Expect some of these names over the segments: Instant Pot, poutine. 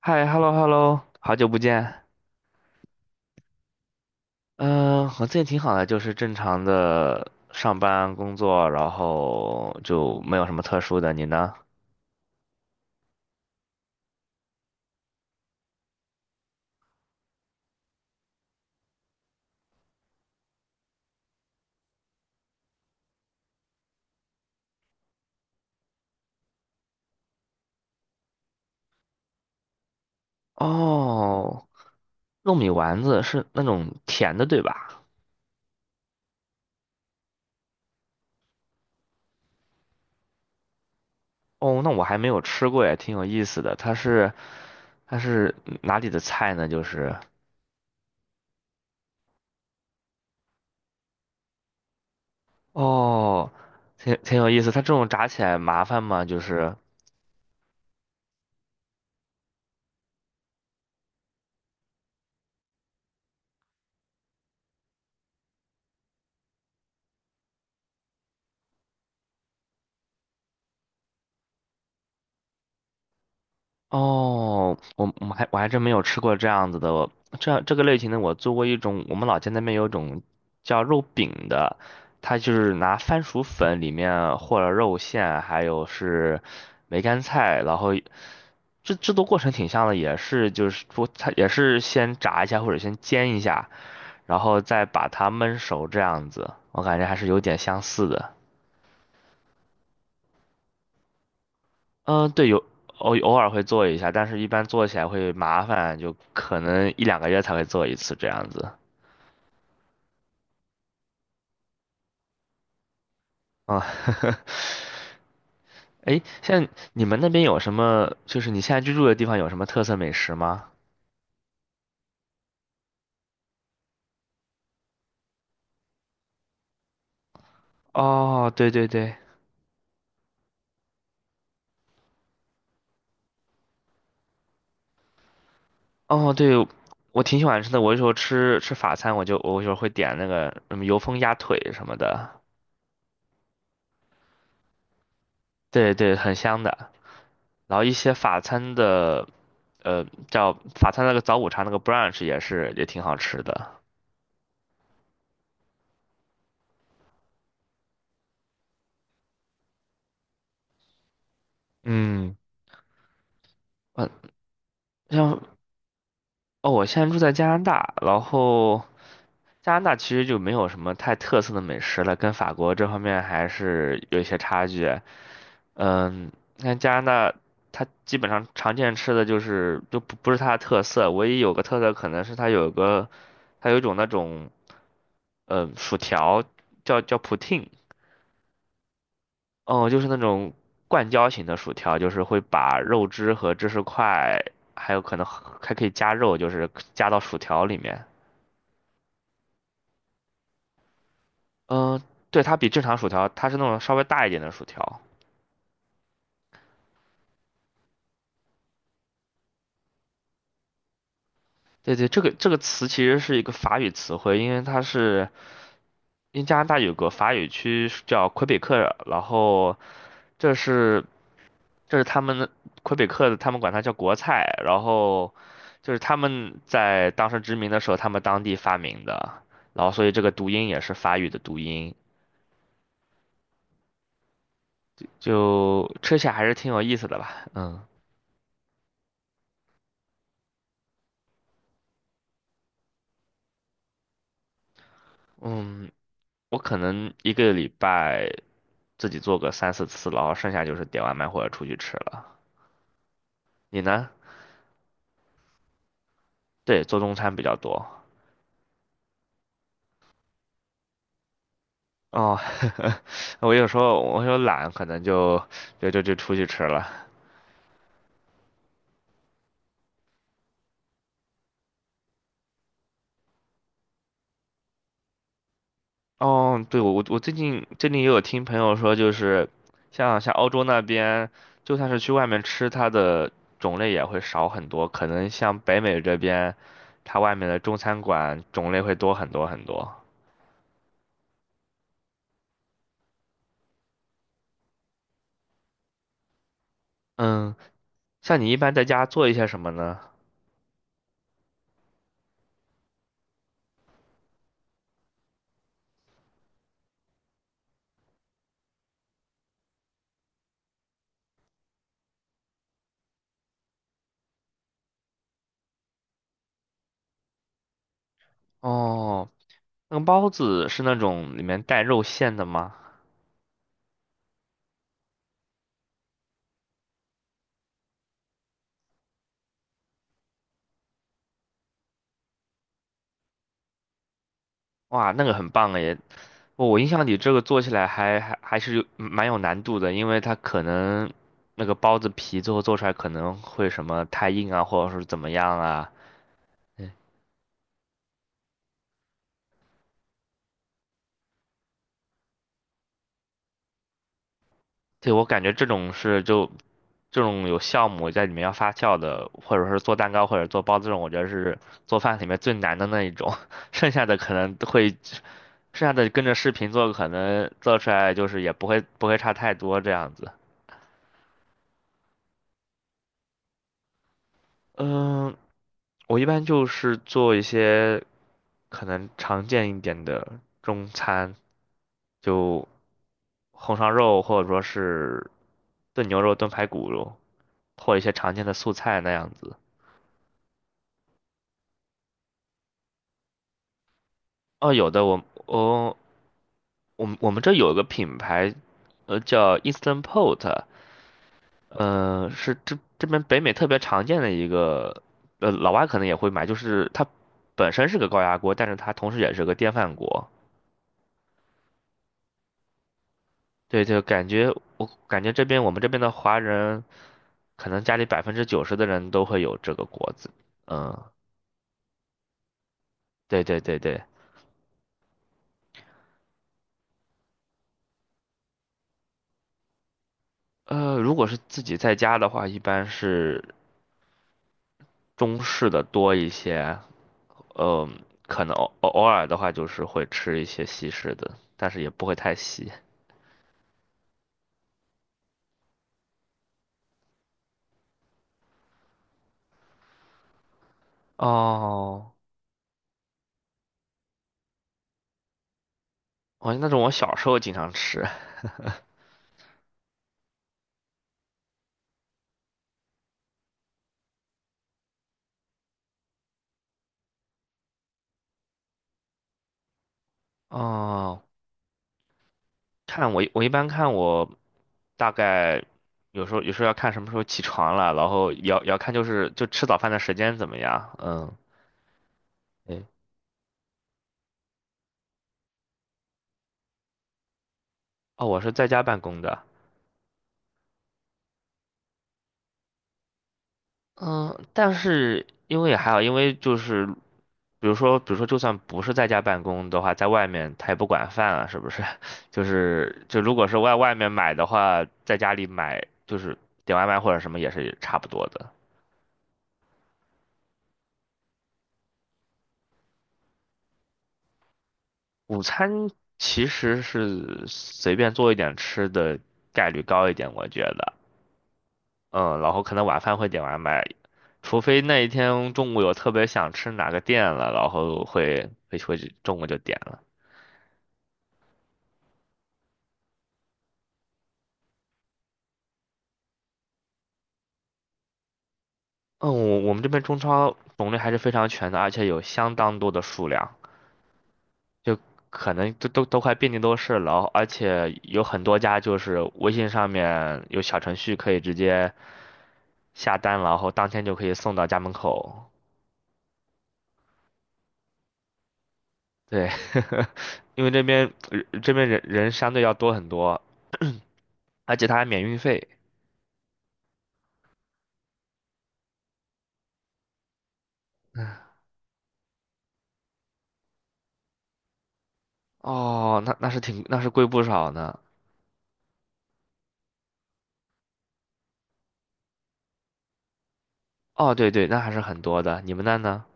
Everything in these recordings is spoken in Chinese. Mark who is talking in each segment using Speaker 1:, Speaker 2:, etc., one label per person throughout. Speaker 1: 嗨，hello hello，好久不见。嗯、我最近挺好的，就是正常的上班工作，然后就没有什么特殊的。你呢？哦，糯米丸子是那种甜的，对吧？哦，那我还没有吃过，也挺有意思的。它是哪里的菜呢？就是哦，挺有意思。它这种炸起来麻烦吗？就是哦，我还真没有吃过这样子的，这个类型的我做过一种，我们老家那边有一种叫肉饼的，它就是拿番薯粉里面和了肉馅，还有是梅干菜，然后制作过程挺像的，也是就是说它也是先炸一下或者先煎一下，然后再把它焖熟这样子，我感觉还是有点相似的。嗯，对，有偶尔会做一下，但是一般做起来会麻烦，就可能一两个月才会做一次这样子。啊，哎，像你们那边有什么？就是你现在居住的地方有什么特色美食吗？哦，对对对，哦对，我挺喜欢吃的。我有时候吃法餐，我有时候会点那个什么油封鸭腿什么的，对对，很香的。然后一些法餐的，叫法餐那个早午茶那个 brunch 也是也挺好吃的。嗯，嗯，像哦，我现在住在加拿大，然后加拿大其实就没有什么太特色的美食了，跟法国这方面还是有一些差距。嗯，你看加拿大，它基本上常见吃的就是就不是它的特色，唯一有个特色可能是它有个，它有一种那种，嗯，薯条叫 poutine，哦，就是那种灌浇型的薯条，就是会把肉汁和芝士块，还有可能还可以加肉，就是加到薯条里面。嗯、对，它比正常薯条，它是那种稍微大一点的薯条。对对，这个词其实是一个法语词汇，因为它是因为加拿大有个法语区是叫魁北克，然后这是这是他们的魁北克的，他们管它叫国菜，然后就是他们在当时殖民的时候，他们当地发明的，然后所以这个读音也是法语的读音，就吃起来还是挺有意思的吧，嗯嗯，我可能一个礼拜自己做个三四次，然后剩下就是点外卖或者出去吃了。你呢？对，做中餐比较多。哦，我有懒，可能就就出去吃了。哦，对，我最近也有听朋友说，就是像欧洲那边，就算是去外面吃，它的种类也会少很多。可能像北美这边，它外面的中餐馆种类会多很多很多。嗯，像你一般在家做一些什么呢？哦，那个包子是那种里面带肉馅的吗？哇，那个很棒诶！我印象里这个做起来还是有嗯蛮有难度的，因为它可能那个包子皮最后做出来可能会什么太硬啊，或者是怎么样啊。哎对，我感觉这种是就这种有酵母在里面要发酵的，或者是做蛋糕或者做包子这种，我觉得是做饭里面最难的那一种。剩下的可能都会，剩下的跟着视频做，可能做出来就是也不会差太多这样子。嗯，我一般就是做一些可能常见一点的中餐，就红烧肉或者说是炖牛肉、炖排骨肉，或一些常见的素菜那样子。哦，有的，我们这有一个品牌，叫 Instant Pot，是这边北美特别常见的一个，老外可能也会买，就是它本身是个高压锅，但是它同时也是个电饭锅。对对，我感觉这边我们这边的华人，可能家里90%的人都会有这个锅子。嗯，对，如果是自己在家的话，一般是中式的多一些。嗯，可能偶尔的话就是会吃一些西式的，但是也不会太西哦，哦，那种我小时候经常吃。哦，我一般看我大概有时候要看什么时候起床了，然后也要看就是就吃早饭的时间怎么样。嗯，对，哦，我是在家办公的。嗯，但是因为也还好，因为就是，比如说，就算不是在家办公的话，在外面他也不管饭啊，是不是？就是就如果是外面买的话，在家里买就是点外卖或者什么也是差不多的。午餐其实是随便做一点吃的概率高一点，我觉得。嗯，然后可能晚饭会点外卖，除非那一天中午有特别想吃哪个店了，然后会中午就点了。嗯，我们这边中超种类还是非常全的，而且有相当多的数量，就可能都快遍地都是了。而且有很多家就是微信上面有小程序可以直接下单，然后当天就可以送到家门口。对，因为这边这边人相对要多很多，而且它还免运费。哦，那是贵不少呢。哦，对对，那还是很多的。你们那呢？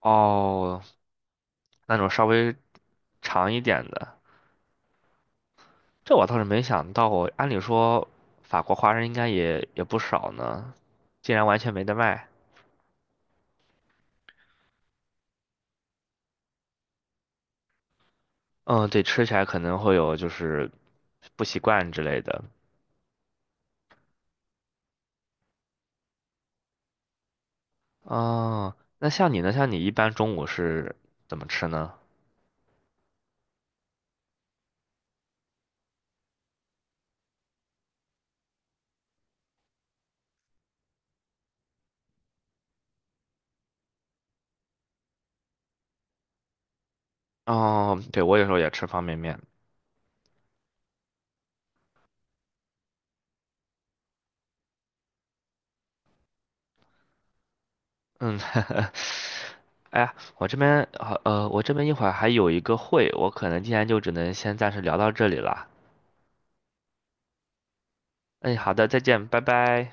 Speaker 1: 哦，那种稍微长一点的，这我倒是没想到过。按理说，法国华人应该也不少呢，竟然完全没得卖。嗯，对，吃起来可能会有就是不习惯之类的。哦，那像你呢？像你一般中午是怎么吃呢？哦，对，我有时候也吃方便面。嗯，哎呀，我这边好，我这边一会儿还有一个会，我可能今天就只能先暂时聊到这里了。哎，好的，再见，拜拜。